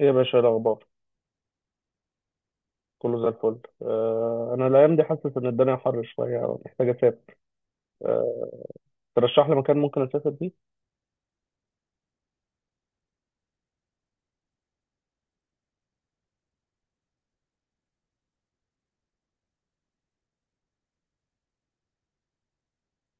ايه يا باشا، إيه الاخبار؟ كله زي الفل. انا الايام دي حاسس ان الدنيا حر شويه، محتاج اسافر. آه ترشح لي مكان ممكن اسافر فيه.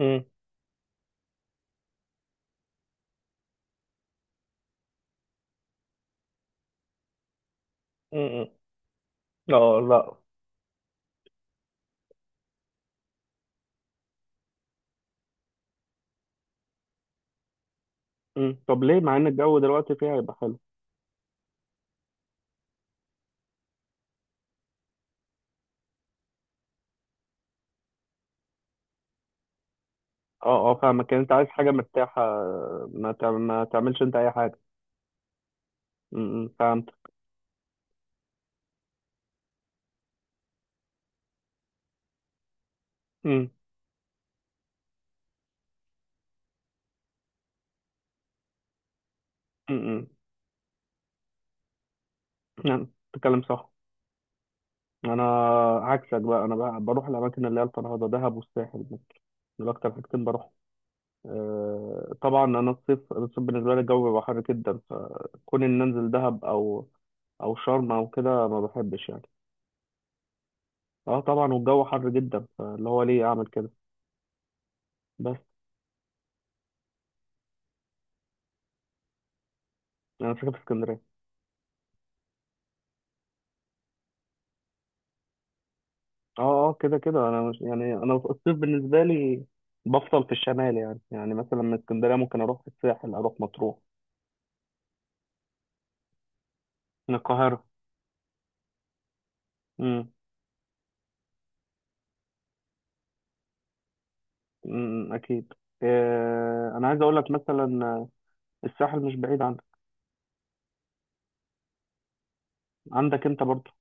امم امم اه لا. طب ليه؟ مع ان الجو دلوقتي فيها هيبقى حلو. اه اه، فاهمك. يعني انت عايز حاجه مرتاحه، ما تعملش انت اي حاجه. فهمت. امم امم نعم، تتكلم صح. انا عكسك بقى، انا بقى بروح الاماكن اللي هي الفرهده، دهب والساحل. دول اكتر حاجتين بروح. طبعا انا الصيف بالنسبه لي الجو بيبقى حر جدا، فكون ان انزل دهب او شرم او كده ما بحبش يعني. اه طبعا، والجو حر جدا، فاللي هو ليه اعمل كده؟ بس انا ساكن في اسكندريه. اه اه، كده كده انا مش يعني انا الصيف بالنسبه لي بفصل في الشمال. يعني مثلا من اسكندريه ممكن اروح الساحل، اروح مطروح، من القاهره. امم أمم، اكيد. انا عايز اقول لك مثلا، الساحل مش بعيد عنك، عندك انت برضه.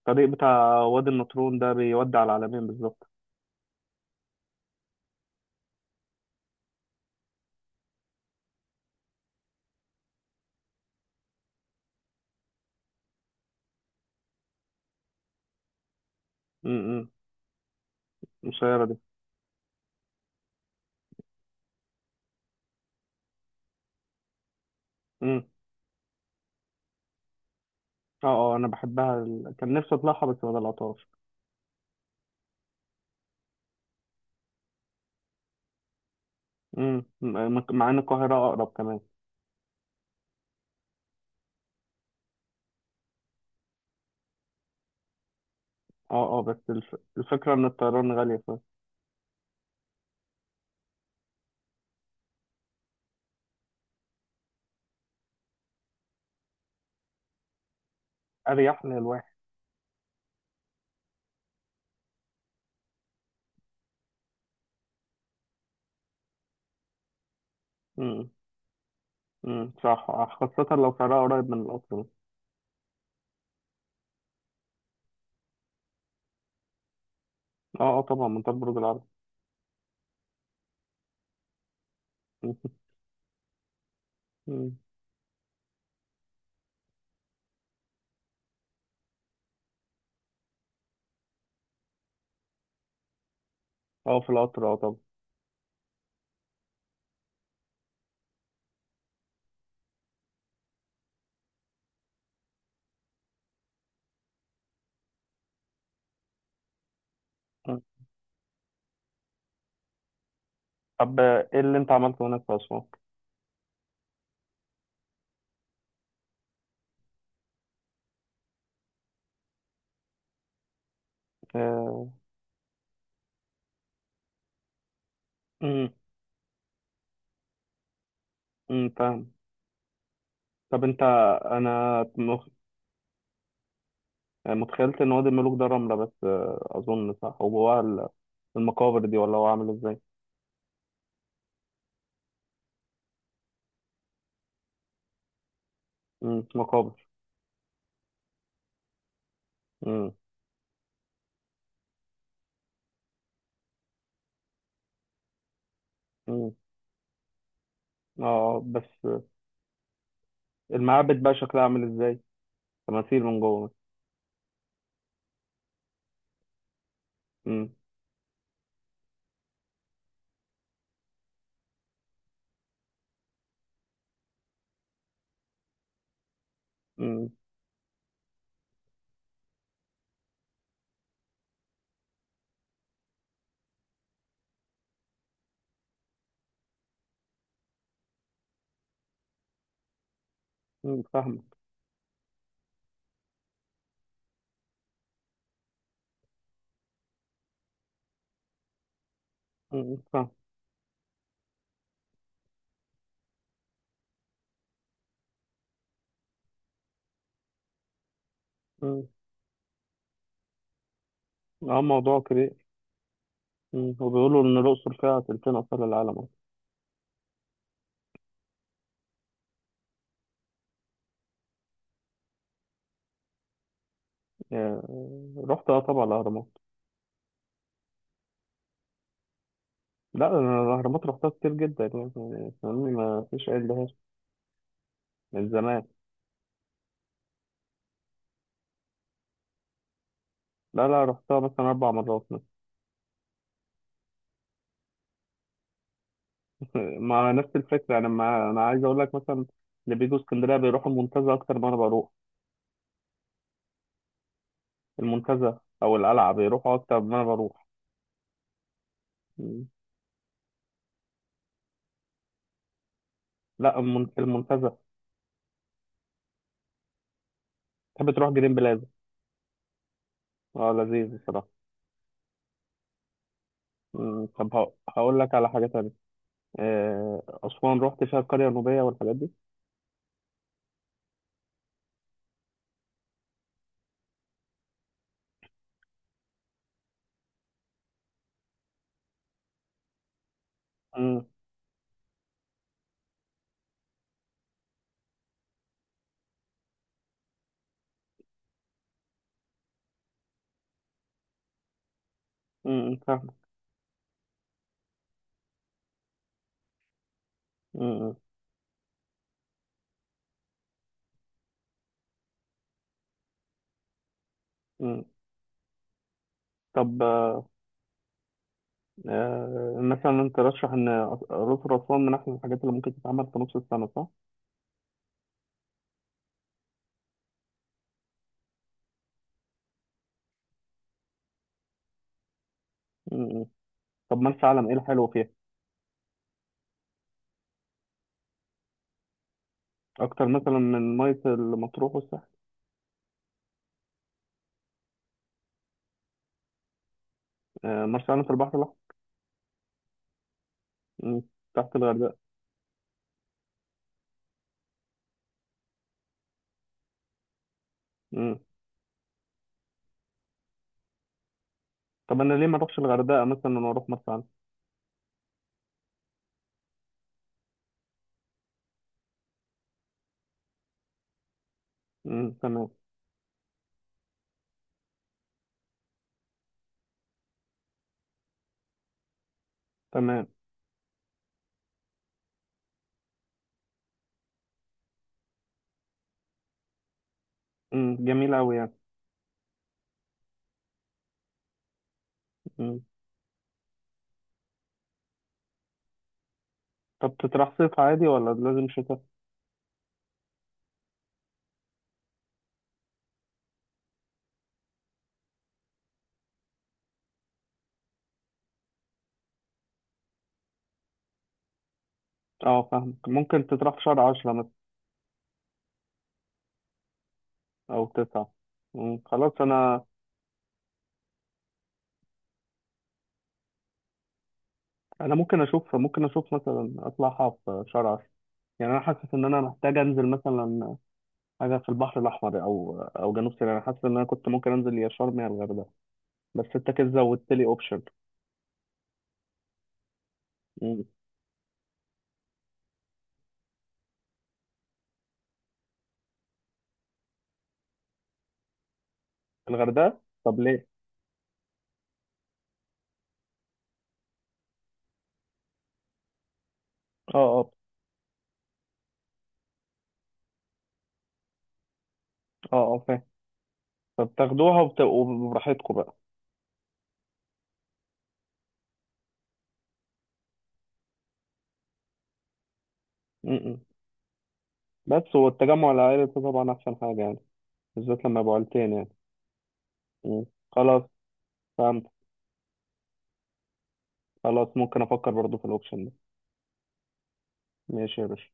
الطريق بتاع وادي النطرون ده بيودي على العلمين بالظبط. امم المسيرة دي. امم اه اه، انا بحبها، كان نفسي اطلعها بس ما طلعتهاش. امم مع ان القاهرة اقرب كمان. اه اه، بس الفكرة ان الطيران غالية، فاريح للواحد. امم صح، خاصة لو سعرها قريب من القطر. اه اه، طبعا منطقة برج العرب. مم. اه، في القطر، اه طبعا. مم. طب ايه اللي انت عملته هناك في اسوان؟ آه، امم فاهم. طب انت انا يعني متخيلت ان وادي الملوك ده رملة بس، اظن صح، وجواها المقابر دي، ولا هو عامل ازاي؟ مقابر. امم امم اه، بس المعابد بقى شكلها عامل ازاي؟ تماثيل من جوه؟ امم امم فاهمك. فاهم. امم اه، موضوع كبير. وبيقولوا ان الاقصر فيها تلتين اثار العالم أصلاً. رحت، اه طبعا الاهرامات. لا، انا الاهرامات رحتها كتير جدا. يعني فاهمني، ما فيش عيب لهاش. من زمان. لا لا، رحتها مثلا اربع مرات. مع نفس الفكره، انا عايز اقول لك مثلا، اللي بيجوا اسكندريه بيروحوا المنتزه اكتر ما انا بروح. المنتزه او القلعه بيروحوا اكتر ما انا بروح. م. لا، المنتزه. تحب تروح جرين بلازا؟ اه، لذيذ بصراحه. طب هقول لك على حاجه تانية، اسوان رحت فيها القريه النوبيه والحاجات دي. امم فاهم. امم امم طب مثلا انت ترشح ان الأقصر وأسوان من أحسن الحاجات اللي ممكن تتعمل في نص السنة، صح؟ امم طب مرسى علم، ايه الحلو فيها؟ اكتر مثلا من ميه المطروح والساحل؟ مرسى علم في البحر الاحمر. مم. تحت الغردقه. مم. طب انا ليه ما اروحش الغردقه مثلا، واروح مرسى علم؟ مم. تمام. تمام. جميل قوي يعني. مم. طب تطرح صيف عادي ولا لازم شتاء؟ اه فاهمك، ممكن تطرح في شهر 10 مثلا، او تسعة. مم. خلاص، انا ممكن اشوف، مثلا اطلعها في شهر 10. يعني انا حاسس ان انا محتاج انزل مثلا حاجه في البحر الاحمر او جنوب سيناء. انا حاسس ان انا كنت ممكن انزل يا شرم يا الغردقه. بس انت كده زودت لي اوبشن. الغردقه. طب ليه؟ اه اه اه اه، فاهم. طب تاخدوها وبتبقوا براحتكم بقى؟ م-م. بس والتجمع العائلي ده طبعا احسن حاجه يعني، بالذات لما يبقوا عيلتين يعني. م. خلاص. فهمت. خلاص، ممكن افكر برضو في الاوبشن ده. ماشي يا باشا.